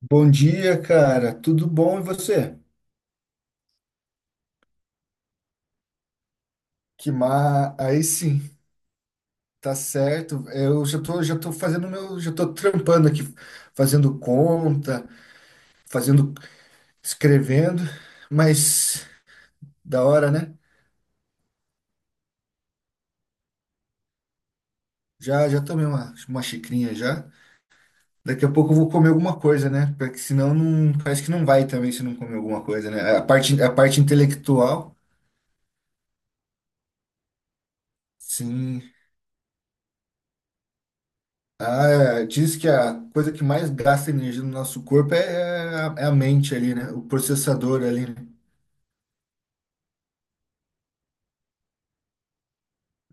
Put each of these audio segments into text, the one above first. Bom dia, cara. Tudo bom e você? Aí sim, tá certo. Eu já tô fazendo meu, já tô trampando aqui, fazendo conta, fazendo, escrevendo, mas da hora, né? Já tomei uma xicrinha já. Daqui a pouco eu vou comer alguma coisa, né? Porque senão não, parece que não vai também se não comer alguma coisa, né? A parte intelectual, sim, ah, é, diz que a coisa que mais gasta energia no nosso corpo é a mente ali, né? O processador ali, né?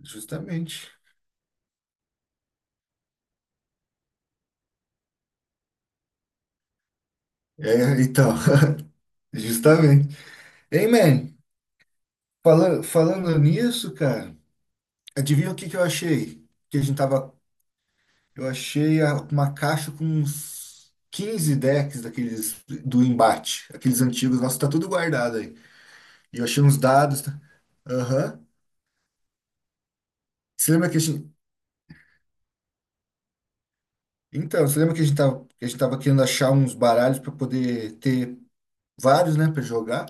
Justamente. É, então, justamente. Ei, man, falando nisso, cara, adivinha o que que eu achei? Que a gente tava. Eu achei uma caixa com uns 15 decks daqueles do embate, aqueles antigos. Nossa, tá tudo guardado aí. E eu achei uns dados. Tá? Aham. Você lembra que a gente, então, você lembra que a gente tava, que a gente tava querendo achar uns baralhos para poder ter vários, né, para jogar?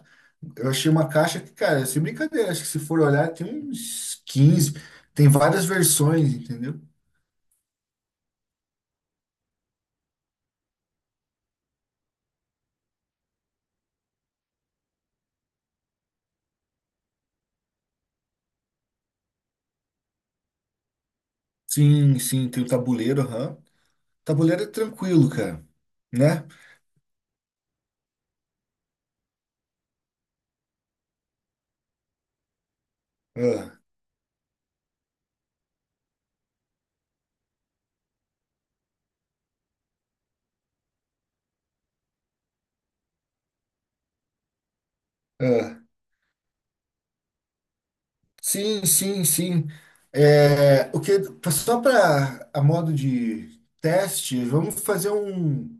Eu achei uma caixa que, cara, sem brincadeira, acho que se for olhar, tem uns 15, tem várias versões, entendeu? Sim, sim, tem o tabuleiro, aham. Tabuleiro é tranquilo, cara, né? Ah, ah. Sim, sim, sim. É, o que, só para a modo de teste, vamos fazer um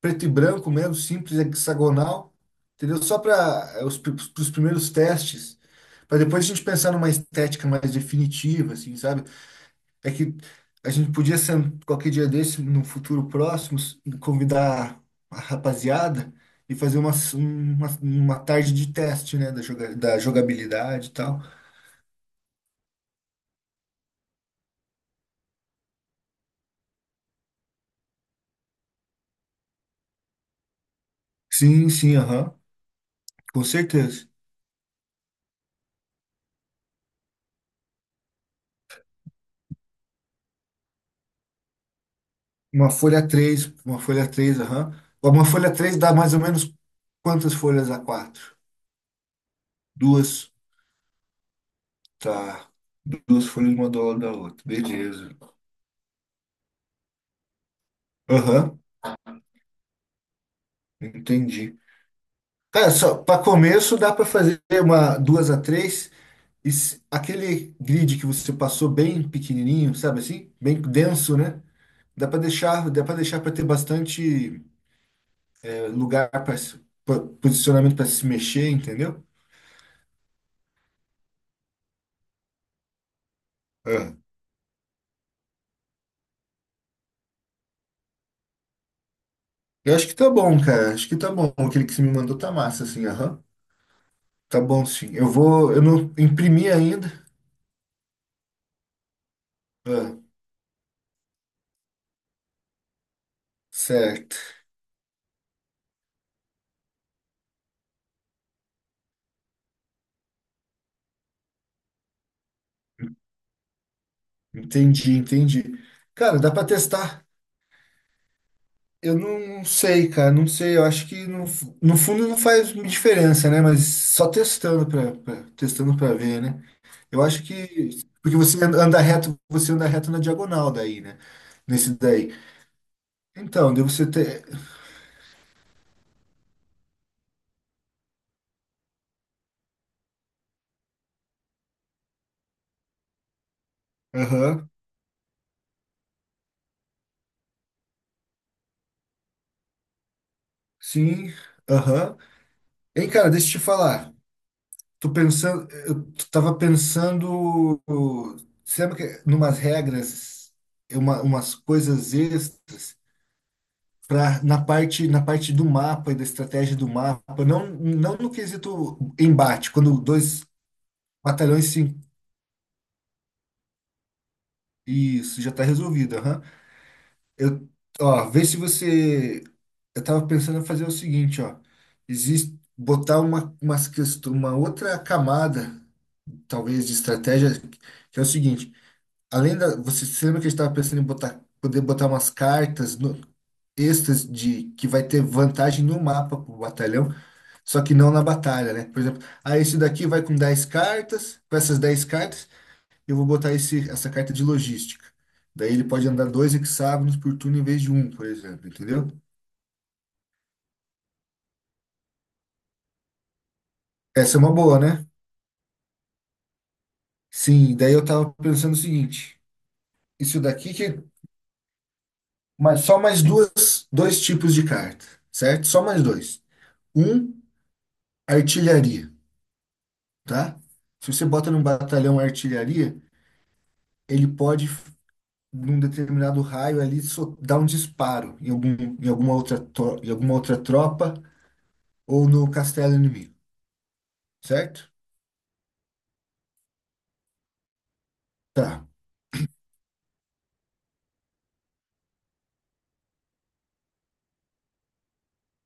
preto e branco mesmo, simples, hexagonal, entendeu? Só para os, pros primeiros testes, para depois a gente pensar numa estética mais definitiva, assim, sabe? É que a gente podia ser, qualquer dia desse, no futuro próximo, convidar a rapaziada e fazer uma tarde de teste, né, da, joga, da jogabilidade e tal. Sim, sim, aham. Com certeza. Uma folha três aham. Uma folha 3 dá mais ou menos quantas folhas a quatro duas, tá. Duas folhas uma do lado da outra. Beleza. Aham, entendi. Cara, só para começo dá para fazer uma duas a três e aquele grid que você passou bem pequenininho, sabe assim? Bem denso, né? Dá para deixar para ter bastante eh, lugar para posicionamento para se mexer, entendeu? Eu acho que tá bom, cara. Acho que tá bom. Aquele que você me mandou tá massa, assim, aham. Tá bom, sim. Eu vou. Eu não imprimi ainda. Ah, certo. Entendi, entendi. Cara, dá pra testar. Eu não sei, cara. Não sei. Eu acho que no, no fundo não faz diferença, né? Mas só testando pra, testando pra ver, né? Eu acho que. Porque você anda reto, você anda reto na diagonal daí, né? Nesse daí. Então, devo você ter. Aham. Sim. Aham. Hein, cara, deixa eu te falar. Tô pensando, eu tava pensando, sabe que numas regras, é uma, umas coisas extras para na parte do mapa e da estratégia do mapa, não não no quesito embate, quando dois batalhões se isso já tá resolvido, aham. Eu, ó, vê se você eu tava pensando em fazer o seguinte, ó. Existe botar uma outra camada, talvez de estratégia, que é o seguinte, além da, você se lembra que a gente estava pensando em botar, poder botar umas cartas no, extras de que vai ter vantagem no mapa pro batalhão, só que não na batalha, né? Por exemplo, ah, esse daqui vai com 10 cartas, com essas 10 cartas, eu vou botar esse, essa carta de logística. Daí ele pode andar dois hexágonos por turno em vez de um, por exemplo, entendeu? Essa é uma boa, né? Sim, daí eu tava pensando o seguinte, isso daqui que mas só mais duas, dois tipos de carta, certo? Só mais dois. Um, artilharia. Tá? Se você bota num batalhão artilharia, ele pode, num determinado raio ali, dar um disparo em algum, em alguma outra, em alguma outra tropa ou no castelo inimigo, certo? Tá.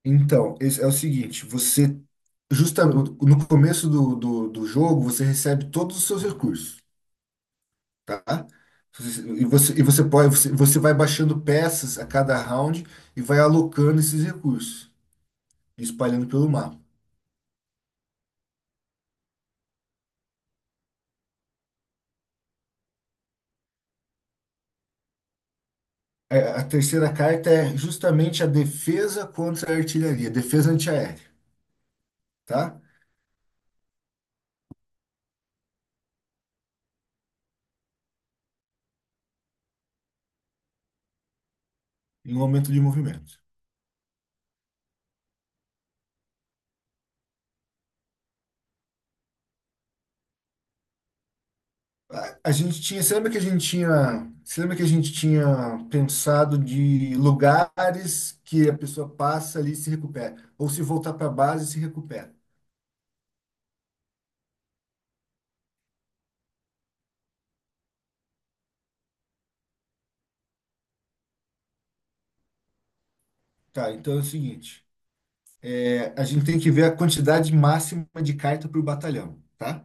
Então, esse é o seguinte, você, justamente no começo do jogo, você recebe todos os seus recursos, tá? E você pode, você, você vai baixando peças a cada round e vai alocando esses recursos, espalhando pelo mapa. É, a terceira carta é justamente a defesa contra a artilharia, defesa antiaérea, tá? Em momento de movimento. A gente tinha, você lembra que a gente tinha pensado de lugares que a pessoa passa ali e se recupera, ou se voltar para a base se recupera. Tá, então é o seguinte, é, a gente tem que ver a quantidade máxima de carta por batalhão, tá?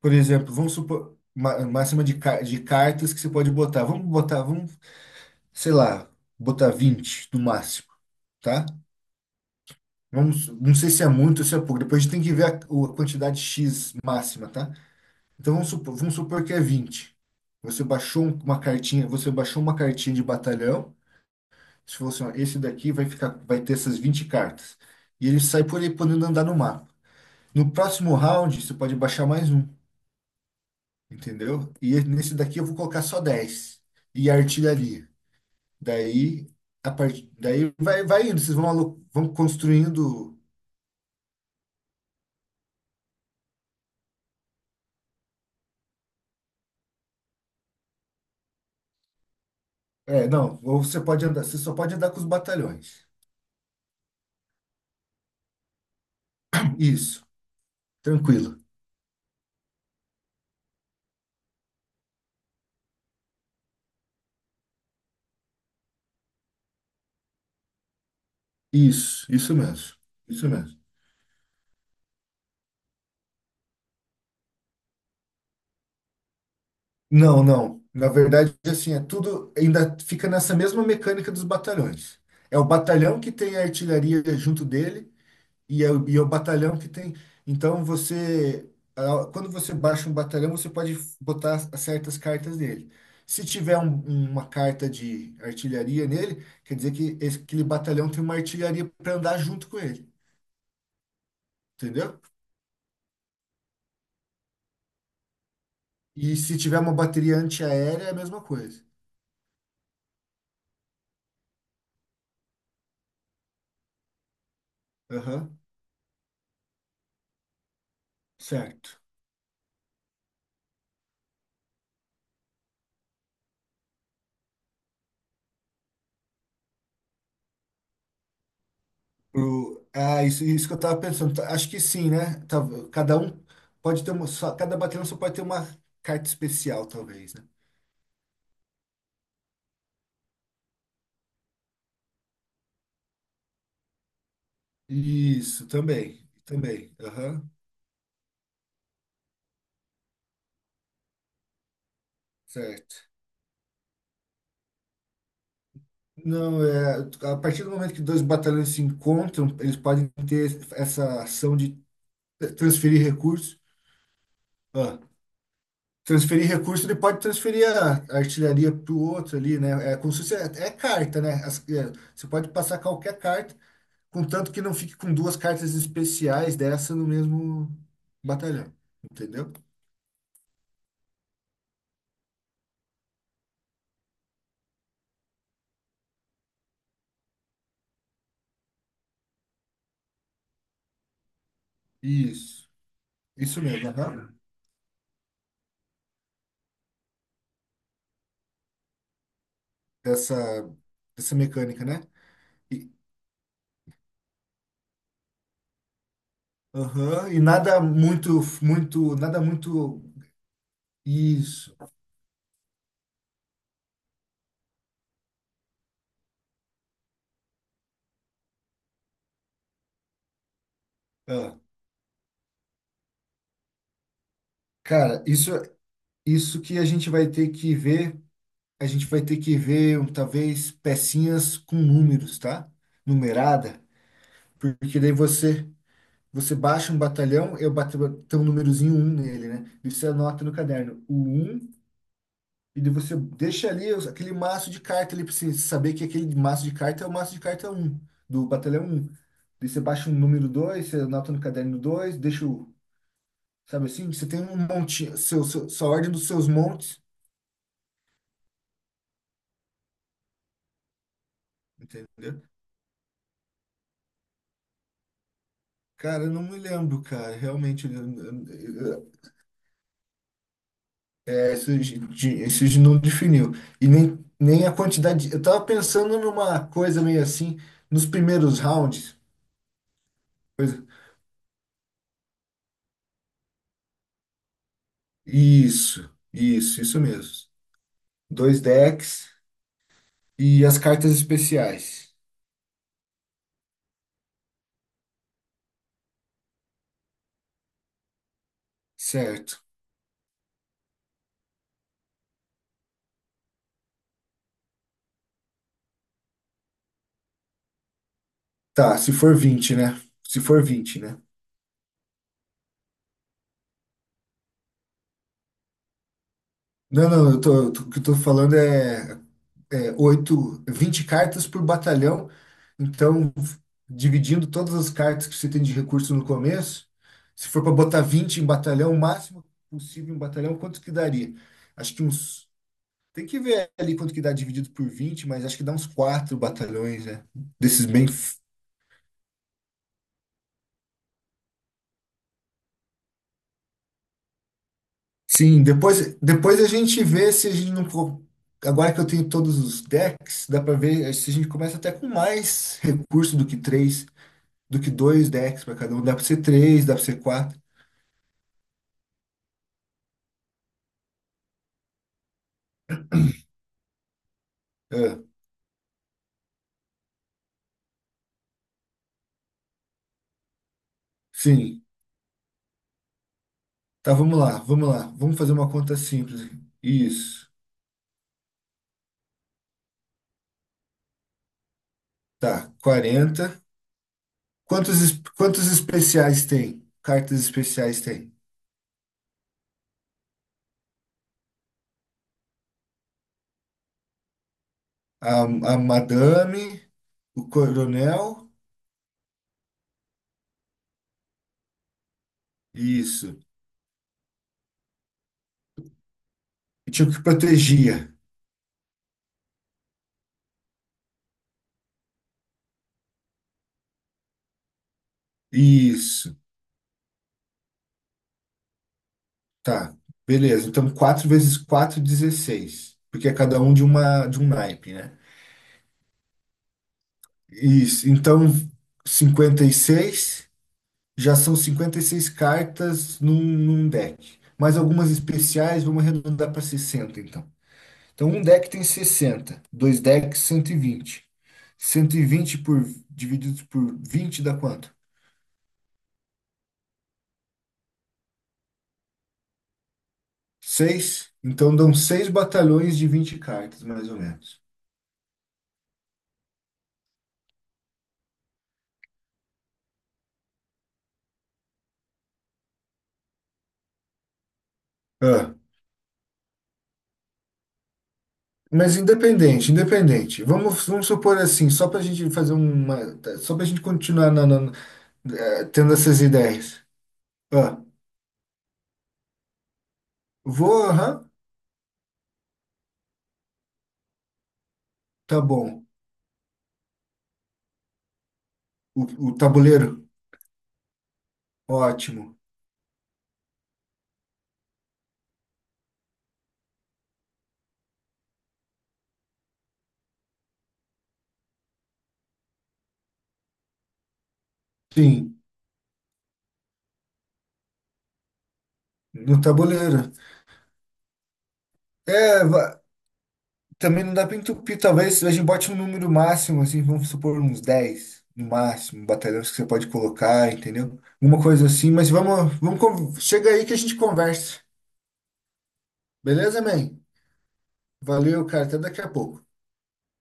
Por exemplo, vamos supor, máxima de cartas que você pode botar. Vamos botar, vamos sei lá, botar 20 no máximo, tá? Vamos, não sei se é muito ou se é pouco. Depois a gente tem que ver a quantidade X máxima, tá? Então vamos supor que é 20. Você baixou uma cartinha, você baixou uma cartinha de batalhão. Se falou assim, ó, esse daqui vai ficar, vai ter essas 20 cartas. E ele sai por aí podendo andar no mapa. No próximo round, você pode baixar mais um, entendeu? E nesse daqui eu vou colocar só 10 e a artilharia. Daí, a partir, daí vai, vai indo, vocês vão, vão construindo. É, não, ou você pode andar, você só pode andar com os batalhões. Isso, tranquilo. Isso mesmo. Isso mesmo. Não, não. Na verdade, assim, é tudo ainda fica nessa mesma mecânica dos batalhões. É o batalhão que tem a artilharia junto dele. E é, é o batalhão que tem. Então você, quando você baixa um batalhão, você pode botar certas cartas nele. Se tiver uma carta de artilharia nele, quer dizer que aquele batalhão tem uma artilharia para andar junto com ele, entendeu? E se tiver uma bateria antiaérea, é a mesma coisa. Aham, certo. Isso, isso que eu tava pensando. Tá, acho que sim, né? Tá, cada um pode ter uma, só, cada batalhão só pode ter uma carta especial, talvez, né? Isso, também, também. Aham, certo. Não, é, a partir do momento que dois batalhões se encontram, eles podem ter essa ação de transferir recursos. Ah, transferir recurso, ele pode transferir a artilharia para o outro ali, né? É como se fosse, é, é carta, né? Você pode passar qualquer carta, contanto que não fique com duas cartas especiais dessa no mesmo batalhão, entendeu? Isso, isso mesmo, aham. Dessa, dessa mecânica, né? Aham, e nada muito, muito, nada muito isso. Ah, cara, isso que a gente vai ter que ver, um, talvez pecinhas com números, tá? Numerada, porque daí você você baixa um batalhão, eu bato tem um númerozinho um nele, né? E você anota no caderno o 1. E daí você deixa ali aquele maço de carta ali pra você saber que aquele maço de carta é o maço de carta um do batalhão 1. Daí você baixa um número 2 você anota no caderno 2 deixa o. Sabe assim? Você tem um monte, seu, seu, sua ordem dos seus montes, entendeu? Cara, eu não me lembro, cara. Realmente, eu- eu- é, isso, isso de não definiu. E nem, nem a quantidade. Eu tava pensando numa coisa meio assim, nos primeiros rounds. coisa- Isso, isso, isso mesmo. Dois decks. E as cartas especiais. Certo. Tá, se for 20, né? Se for vinte, né? Não, não, o que eu tô falando é 8, 20 cartas por batalhão. Então, dividindo todas as cartas que você tem de recurso no começo, se for para botar 20 em batalhão, o máximo possível em batalhão, quanto que daria? Acho que uns. Tem que ver ali quanto que dá dividido por 20, mas acho que dá uns 4 batalhões, né? Desses bem. Sim, depois, depois a gente vê se a gente não. Agora que eu tenho todos os decks, dá pra ver eh, se a gente começa até com mais recurso do que três, do que dois decks pra cada um. Dá pra ser três, dá pra ser quatro. É, sim. Tá, vamos lá, vamos lá. Vamos fazer uma conta simples. Aqui. Isso. Tá, 40 quantos, quantos especiais tem? Cartas especiais tem? A, a Madame, o Coronel. Isso. E tinha o que protegia. Isso. Tá, beleza. Então, 4 vezes 4 16, porque é cada um de uma de um naipe, né? Isso. Então, 56. Já são 56 cartas num, num deck. Mais algumas especiais, vamos arredondar para 60 então. Então, um deck tem 60. Dois decks, cento 120, 120 por, divididos por 20 dá quanto? Seis. Então, dão 6 batalhões de 20 cartas, mais ou menos. Ah, mas independente, independente. Vamos, vamos supor assim, só para a gente fazer uma, tá, só para a gente continuar eh, tendo essas ideias. Ah, vou, aham, tá bom. O, o tabuleiro, ótimo. Sim, no tabuleiro. É, também não dá para entupir, talvez a gente bote um número máximo, assim, vamos supor uns 10 no máximo, batalhões que você pode colocar, entendeu? Uma coisa assim, mas vamos, vamos, chega aí que a gente conversa. Beleza, man? Valeu, cara, até daqui a pouco.